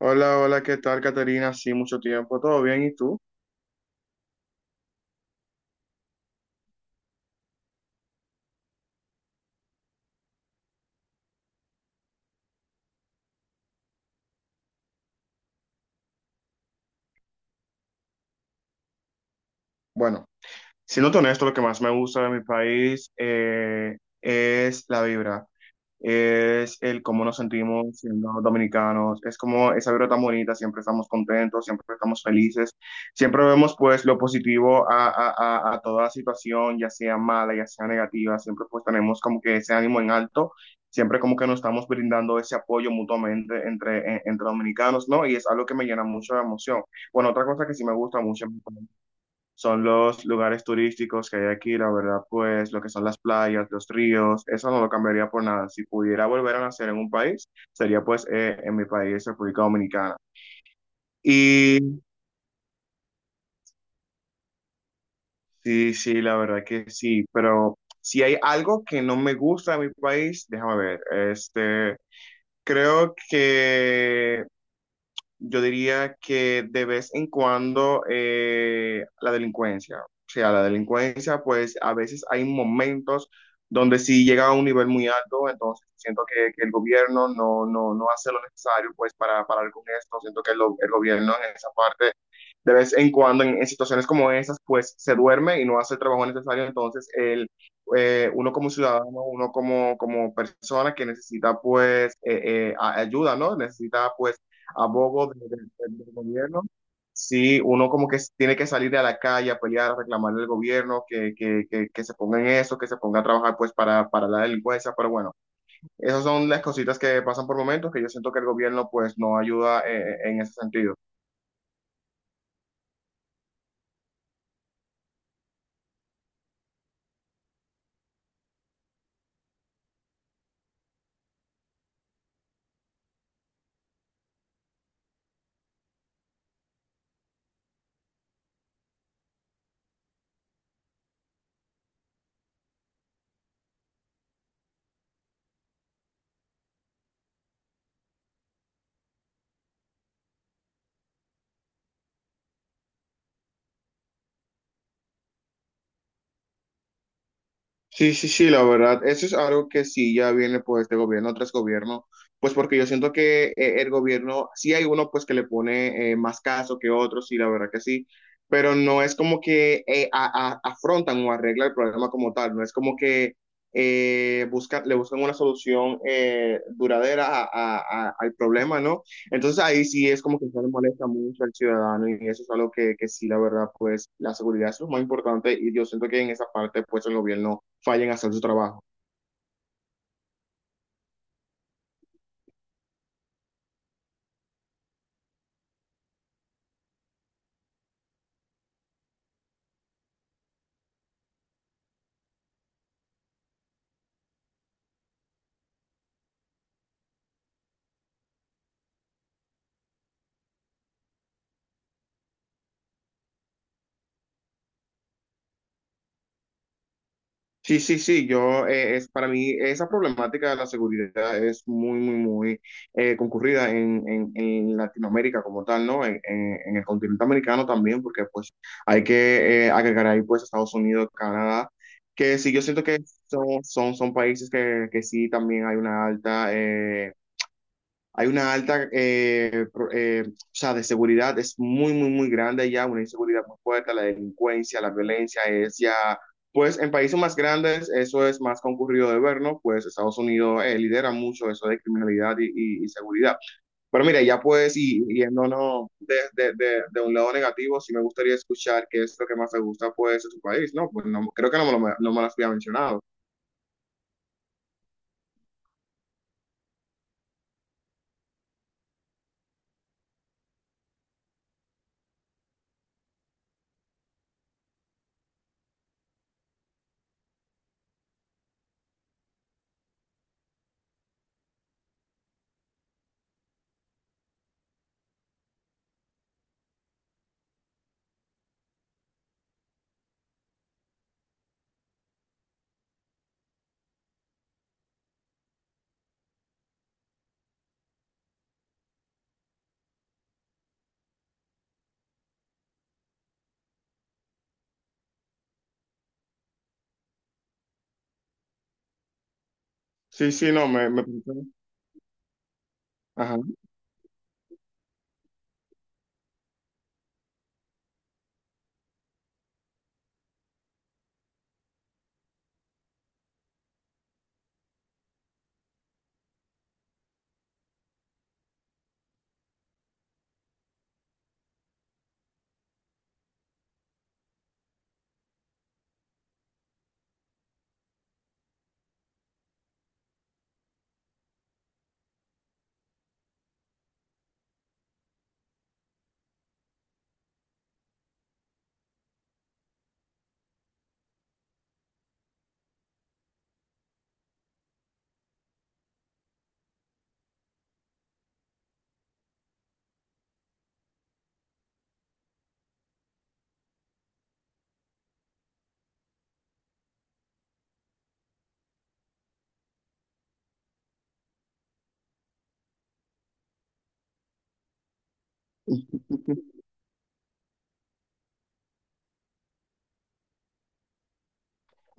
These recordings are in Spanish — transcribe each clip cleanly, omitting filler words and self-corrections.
Hola, hola, ¿qué tal, Caterina? Sí, mucho tiempo, ¿todo bien? ¿Y tú? Bueno, siendo honesto, lo que más me gusta de mi país es la vibra. Es el cómo nos sentimos siendo dominicanos, es como esa vibra tan bonita, siempre estamos contentos, siempre estamos felices, siempre vemos pues lo positivo a toda situación, ya sea mala, ya sea negativa, siempre pues tenemos como que ese ánimo en alto, siempre como que nos estamos brindando ese apoyo mutuamente entre dominicanos, ¿no? Y es algo que me llena mucho de emoción. Bueno, otra cosa que sí me gusta mucho son los lugares turísticos que hay aquí, la verdad, pues lo que son las playas, los ríos, eso no lo cambiaría por nada. Si pudiera volver a nacer en un país, sería pues en mi país, República Dominicana. Y sí, sí, la verdad que sí, pero si hay algo que no me gusta de mi país, déjame ver, este, creo que yo diría que de vez en cuando la delincuencia, o sea, la delincuencia, pues a veces hay momentos donde sí llega a un nivel muy alto. Entonces siento que el gobierno no hace lo necesario pues para parar con esto, siento que el gobierno en esa parte de vez en cuando en situaciones como esas pues se duerme y no hace el trabajo necesario. Entonces uno como ciudadano, uno como persona que necesita pues ayuda, ¿no? Necesita pues abogo del gobierno. Sí, uno como que tiene que salir a la calle a pelear, a reclamarle al gobierno que se ponga en eso, que se ponga a trabajar pues para la delincuencia, pero bueno, esas son las cositas que pasan por momentos que yo siento que el gobierno pues no ayuda en ese sentido. Sí, sí, sí, la verdad, eso es algo que sí ya viene pues de gobierno tras gobierno, pues porque yo siento que el gobierno, sí hay uno pues que le pone más caso que otros, sí, la verdad que sí, pero no es como que afrontan o arreglan el problema como tal. No es como que buscan, le buscan una solución duradera al problema, ¿no? Entonces ahí sí es como que se le molesta mucho al ciudadano y eso es algo que sí, la verdad, pues la seguridad es lo más importante y yo siento que en esa parte pues el gobierno fallen a hacer su trabajo. Sí, sí, sí, yo, es, para mí esa problemática de la seguridad es muy, muy, muy concurrida en Latinoamérica como tal, ¿no? En el continente americano también, porque pues hay que agregar ahí pues Estados Unidos, Canadá, que sí, yo siento que son países que sí también hay una alta. Hay una alta, o sea, de seguridad es muy, muy, muy grande ya, una inseguridad muy fuerte, la delincuencia, la violencia es ya, pues en países más grandes eso es más concurrido de ver, ¿no? Pues Estados Unidos lidera mucho eso de criminalidad y seguridad. Pero mira, ya pues, y yéndonos de un lado negativo, sí me gustaría escuchar qué es lo que más te gusta, pues, de tu país, ¿no? Pues no, creo que no me lo había mencionado. Sí, sí, no. Ajá.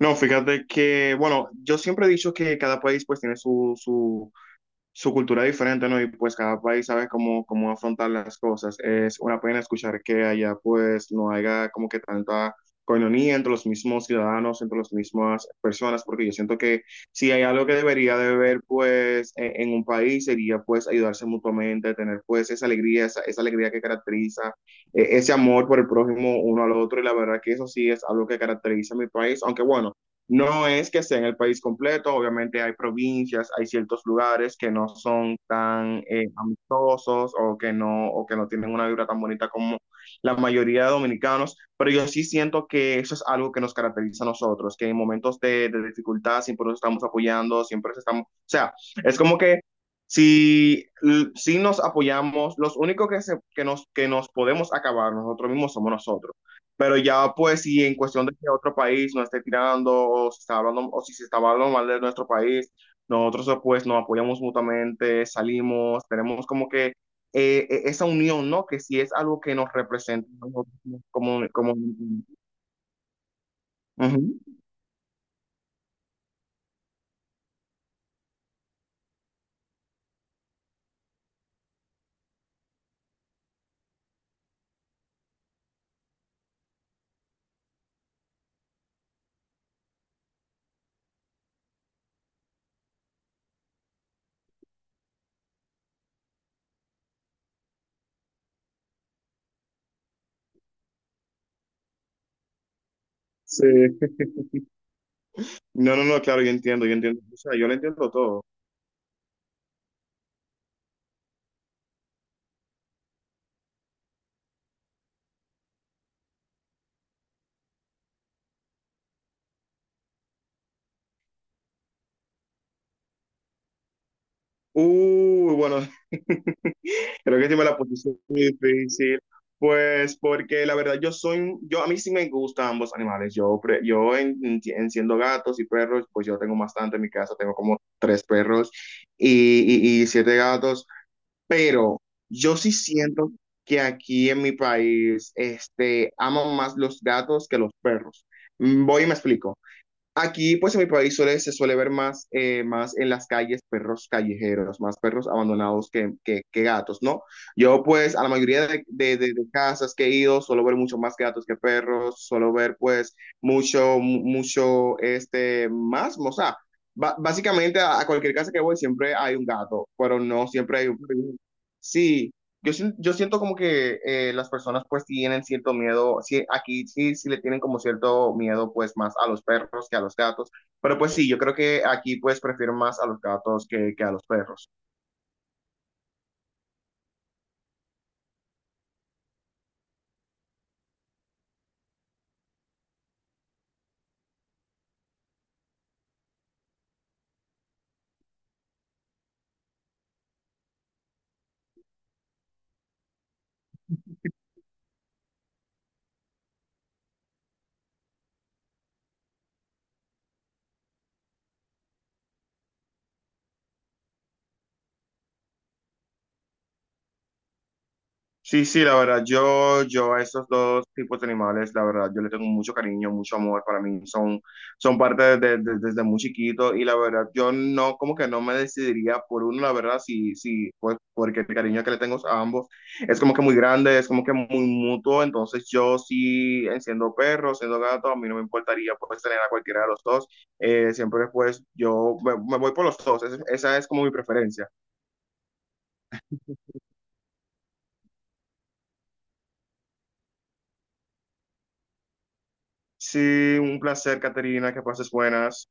No, fíjate que, bueno, yo siempre he dicho que cada país pues tiene su cultura diferente, ¿no? Y pues cada país sabe cómo afrontar las cosas. Es una pena escuchar que allá pues no haya como que tanta coinonía entre los mismos ciudadanos, entre las mismas personas, porque yo siento que si hay algo que debería de haber pues en un país sería pues ayudarse mutuamente, tener pues esa alegría, esa alegría que caracteriza ese amor por el prójimo uno al otro, y la verdad que eso sí es algo que caracteriza a mi país, aunque bueno, no es que sea en el país completo, obviamente hay provincias, hay ciertos lugares que no son tan amistosos o que no tienen una vibra tan bonita como la mayoría de dominicanos, pero yo sí siento que eso es algo que nos caracteriza a nosotros, que en momentos de dificultad siempre nos estamos apoyando, siempre nos estamos, o sea, es como que si, si nos apoyamos, los únicos que nos podemos acabar nosotros mismos somos nosotros. Pero ya pues si en cuestión de que otro país nos esté tirando o si está hablando o si se está hablando mal de nuestro país, nosotros pues nos apoyamos mutuamente, salimos, tenemos como que esa unión, ¿no? Que sí es algo que nos representa a nosotros como, como... Ujú. Sí. No, no, no, claro, yo entiendo, yo entiendo. O sea, yo lo entiendo todo. Uy, bueno. Creo que sí me la posición muy difícil, pues porque la verdad yo a mí sí me gustan ambos animales. Yo enciendo gatos y perros, pues yo tengo bastante en mi casa, tengo como tres perros y siete gatos, pero yo sí siento que aquí en mi país, este, aman más los gatos que los perros. Mm, voy y me explico. Aquí, pues en mi país suele, se suele ver más, más en las calles perros callejeros, más perros abandonados que gatos, ¿no? Yo, pues, a la mayoría de casas que he ido, suelo ver mucho más gatos que perros, suelo ver, pues, mucho, este, más, o sea, básicamente a cualquier casa que voy siempre hay un gato, pero no siempre hay un perro. Sí. Yo siento como que las personas pues tienen cierto miedo, sí, aquí sí, sí le tienen como cierto miedo pues más a los perros que a los gatos, pero pues sí, yo creo que aquí pues prefiero más a los gatos que a los perros. Sí, sí, la verdad, yo a esos dos tipos de animales, la verdad, yo les tengo mucho cariño, mucho amor, para mí son, son parte desde muy chiquito, y la verdad, yo no, como que no me decidiría por uno, la verdad, sí, sí, pues porque el cariño que le tengo a ambos es como que muy grande, es como que muy mutuo, entonces yo sí, siendo perro, siendo gato, a mí no me importaría pues tener a cualquiera de los dos, siempre pues yo me voy por los dos, esa es como mi preferencia. Sí, un placer, Caterina, que pases buenas.